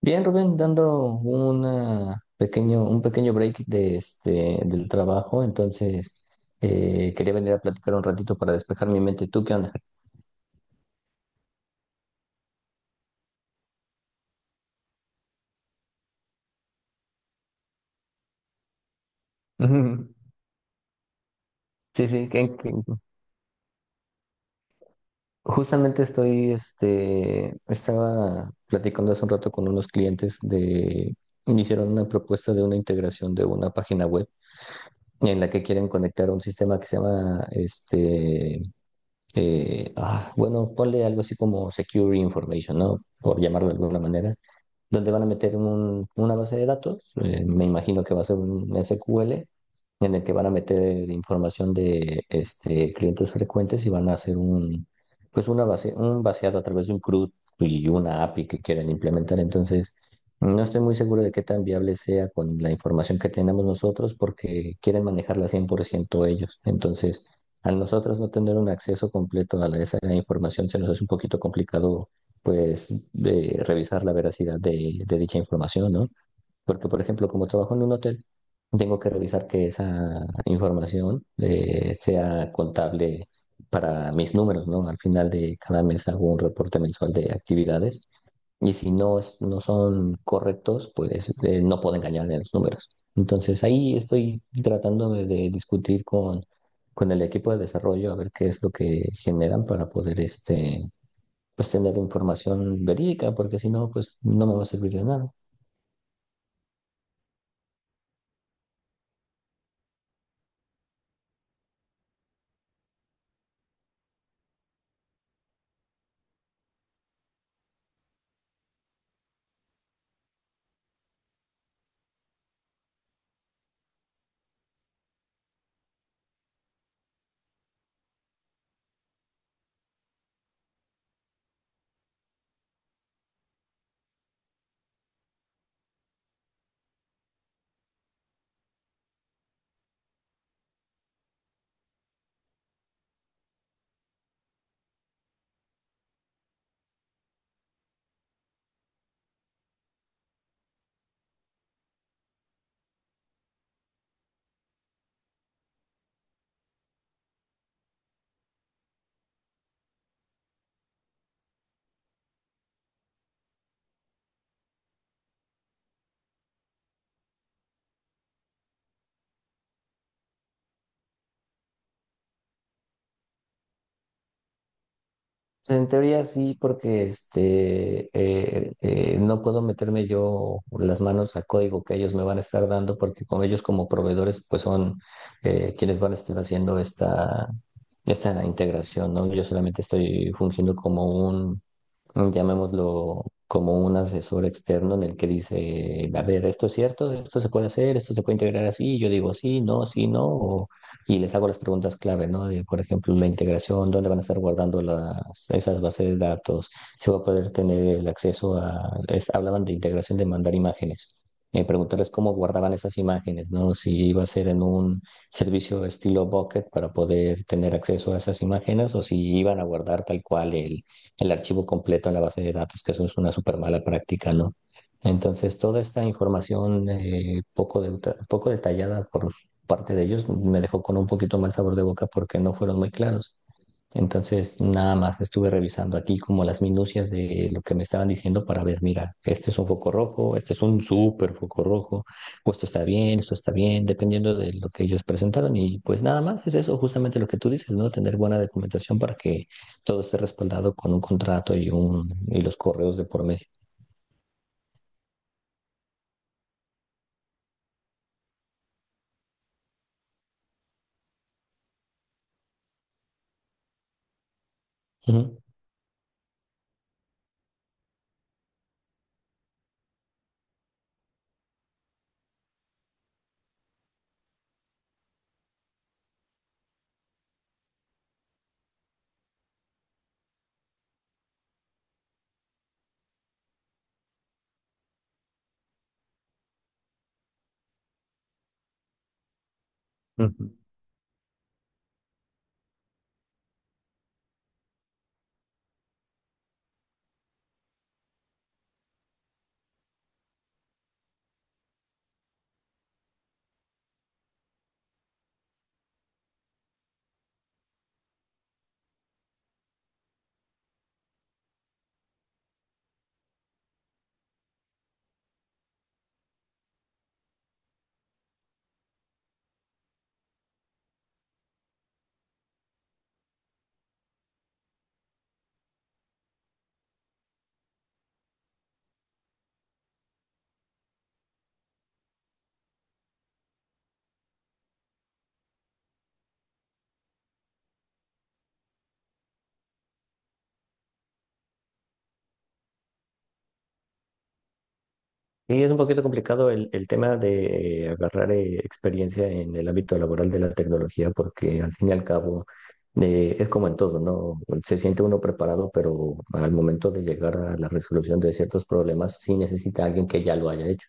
Bien, Rubén, dando una pequeño, un pequeño break de del trabajo. Entonces quería venir a platicar un ratito para despejar mi mente. ¿Tú qué onda? Ujú. Sí, sí, que- que- Justamente estoy, estaba platicando hace un rato con unos clientes. Me hicieron una propuesta de una integración de una página web en la que quieren conectar un sistema que se llama, bueno, ponle algo así como Secure Information, ¿no? Por llamarlo de alguna manera, donde van a meter una base de datos. Me imagino que va a ser un SQL en el que van a meter información de clientes frecuentes, y van a hacer pues una base, un vaciado a través de un CRUD y una API que quieren implementar. Entonces, no estoy muy seguro de qué tan viable sea con la información que tenemos nosotros, porque quieren manejarla 100% ellos. Entonces, al nosotros no tener un acceso completo a esa información, se nos hace un poquito complicado, pues revisar la veracidad de dicha información, ¿no? Porque, por ejemplo, como trabajo en un hotel, tengo que revisar que esa información sea contable para mis números, ¿no? Al final de cada mes hago un reporte mensual de actividades, y si no, no son correctos, pues no puedo engañarle a los números. Entonces ahí estoy tratándome de discutir con el equipo de desarrollo a ver qué es lo que generan, para poder pues tener información verídica, porque si no, pues no me va a servir de nada. En teoría sí, porque no puedo meterme yo las manos a código que ellos me van a estar dando, porque con ellos como proveedores, pues son quienes van a estar haciendo esta integración, ¿no? Yo solamente estoy fungiendo como un, llamémoslo como un asesor externo, en el que dice, a ver, esto es cierto, esto se puede hacer, esto se puede integrar así, y yo digo sí, no, sí, no. Y les hago las preguntas clave, ¿no? De, por ejemplo, la integración, dónde van a estar guardando esas bases de datos, si va a poder tener el acceso a, hablaban de integración de mandar imágenes. Preguntarles cómo guardaban esas imágenes, ¿no? Si iba a ser en un servicio estilo Bucket para poder tener acceso a esas imágenes, o si iban a guardar tal cual el archivo completo en la base de datos, que eso es una súper mala práctica, ¿no? Entonces, toda esta información poco detallada por parte de ellos, me dejó con un poquito mal sabor de boca, porque no fueron muy claros. Entonces, nada más estuve revisando aquí como las minucias de lo que me estaban diciendo para ver, mira, este es un foco rojo, este es un súper foco rojo, o esto está bien, dependiendo de lo que ellos presentaron. Y pues nada más es eso, justamente lo que tú dices, ¿no? Tener buena documentación para que todo esté respaldado con un contrato y y los correos de por medio. Ujú. Ujú. Y es un poquito complicado el tema de agarrar experiencia en el ámbito laboral de la tecnología, porque al fin y al cabo es como en todo, ¿no? Se siente uno preparado, pero al momento de llegar a la resolución de ciertos problemas, sí necesita alguien que ya lo haya hecho.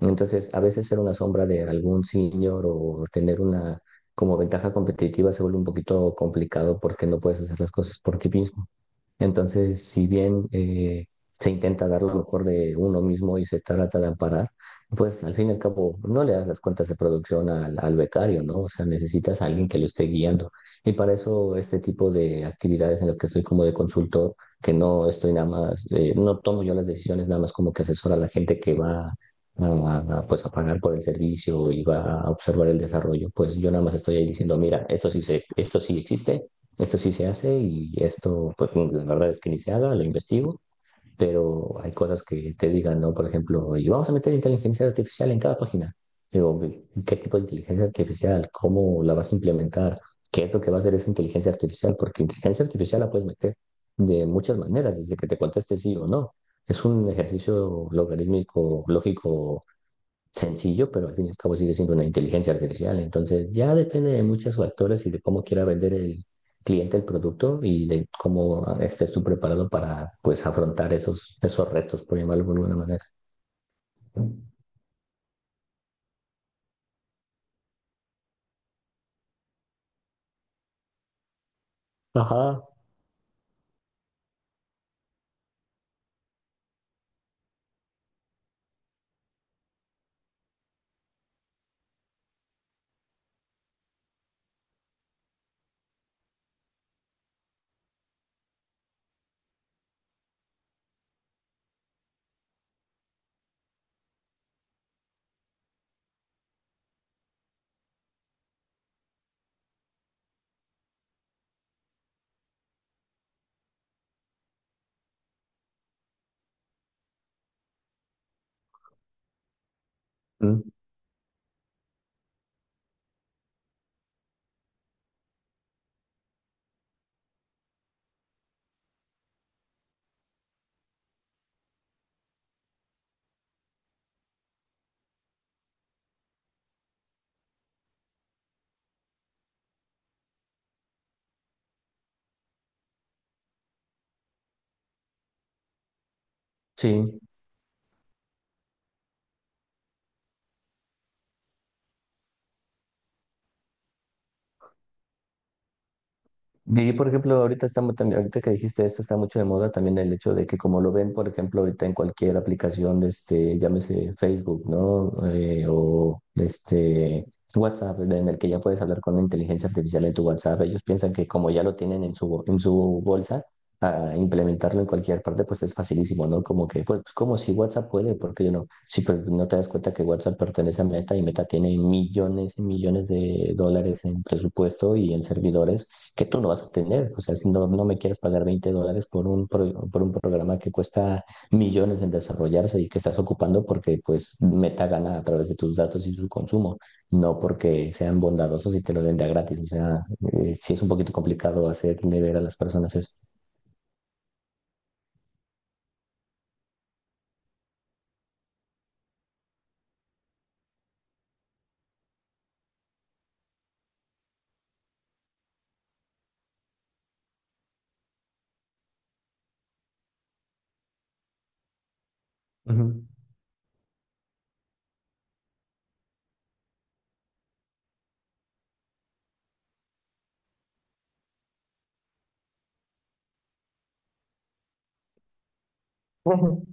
Entonces, a veces ser una sombra de algún senior o tener una como ventaja competitiva se vuelve un poquito complicado, porque no puedes hacer las cosas por ti mismo. Entonces, si bien se intenta dar lo mejor de uno mismo y se trata de amparar, pues al fin y al cabo no le das las cuentas de producción al becario, ¿no? O sea, necesitas a alguien que lo esté guiando. Y para eso este tipo de actividades en las que estoy como de consultor, que no estoy nada más, no tomo yo las decisiones, nada más como que asesora a la gente que va pues a pagar por el servicio y va a observar el desarrollo. Pues yo nada más estoy ahí diciendo, mira, esto sí existe, esto sí se hace, y esto, pues la verdad es que ni se haga, lo investigo. Pero hay cosas que te digan, ¿no? Por ejemplo, y vamos a meter inteligencia artificial en cada página. Digo, ¿qué tipo de inteligencia artificial? ¿Cómo la vas a implementar? ¿Qué es lo que va a hacer esa inteligencia artificial? Porque inteligencia artificial la puedes meter de muchas maneras, desde que te conteste sí o no. Es un ejercicio logarítmico, lógico, sencillo, pero al fin y al cabo sigue siendo una inteligencia artificial. Entonces ya depende de muchos factores y de cómo quiera vender el cliente el producto, y de cómo estés tú preparado para, pues, afrontar esos retos, por llamarlo de alguna manera. Ajá. Mm. Sí. Y por ejemplo, ahorita estamos también, ahorita que dijiste esto, está mucho de moda también el hecho de que, como lo ven, por ejemplo, ahorita en cualquier aplicación de llámese Facebook, ¿no? O de este WhatsApp, en el que ya puedes hablar con la inteligencia artificial de tu WhatsApp, ellos piensan que como ya lo tienen en en su bolsa, a implementarlo en cualquier parte, pues es facilísimo, ¿no? Como que, pues, como si WhatsApp puede, ¿por qué yo no? Sí, pero no te das cuenta que WhatsApp pertenece a Meta, y Meta tiene millones y millones de dólares en presupuesto y en servidores que tú no vas a tener. O sea, si no, no me quieres pagar $20 por por un programa que cuesta millones en desarrollarse, y que estás ocupando porque pues Meta gana a través de tus datos y su consumo, no porque sean bondadosos y te lo den de a gratis. O sea, sí es un poquito complicado hacerle ver a las personas eso. Ujú. Ujú.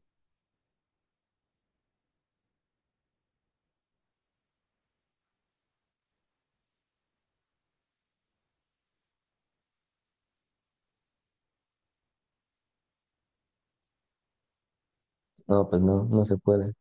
No, pues no, no se puede.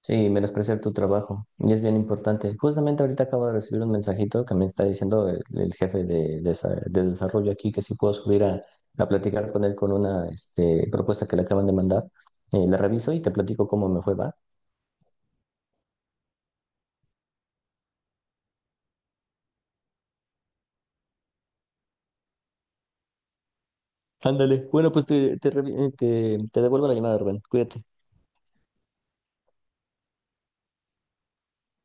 Sí, menospreciar tu trabajo. Y es bien importante. Justamente ahorita acabo de recibir un mensajito que me está diciendo el jefe de desarrollo aquí, que si puedo subir a platicar con él con una, propuesta que le acaban de mandar. La reviso y te platico cómo me fue, ¿va? Ándale. Bueno, pues te, revi- te te devuelvo la llamada, Rubén. Cuídate.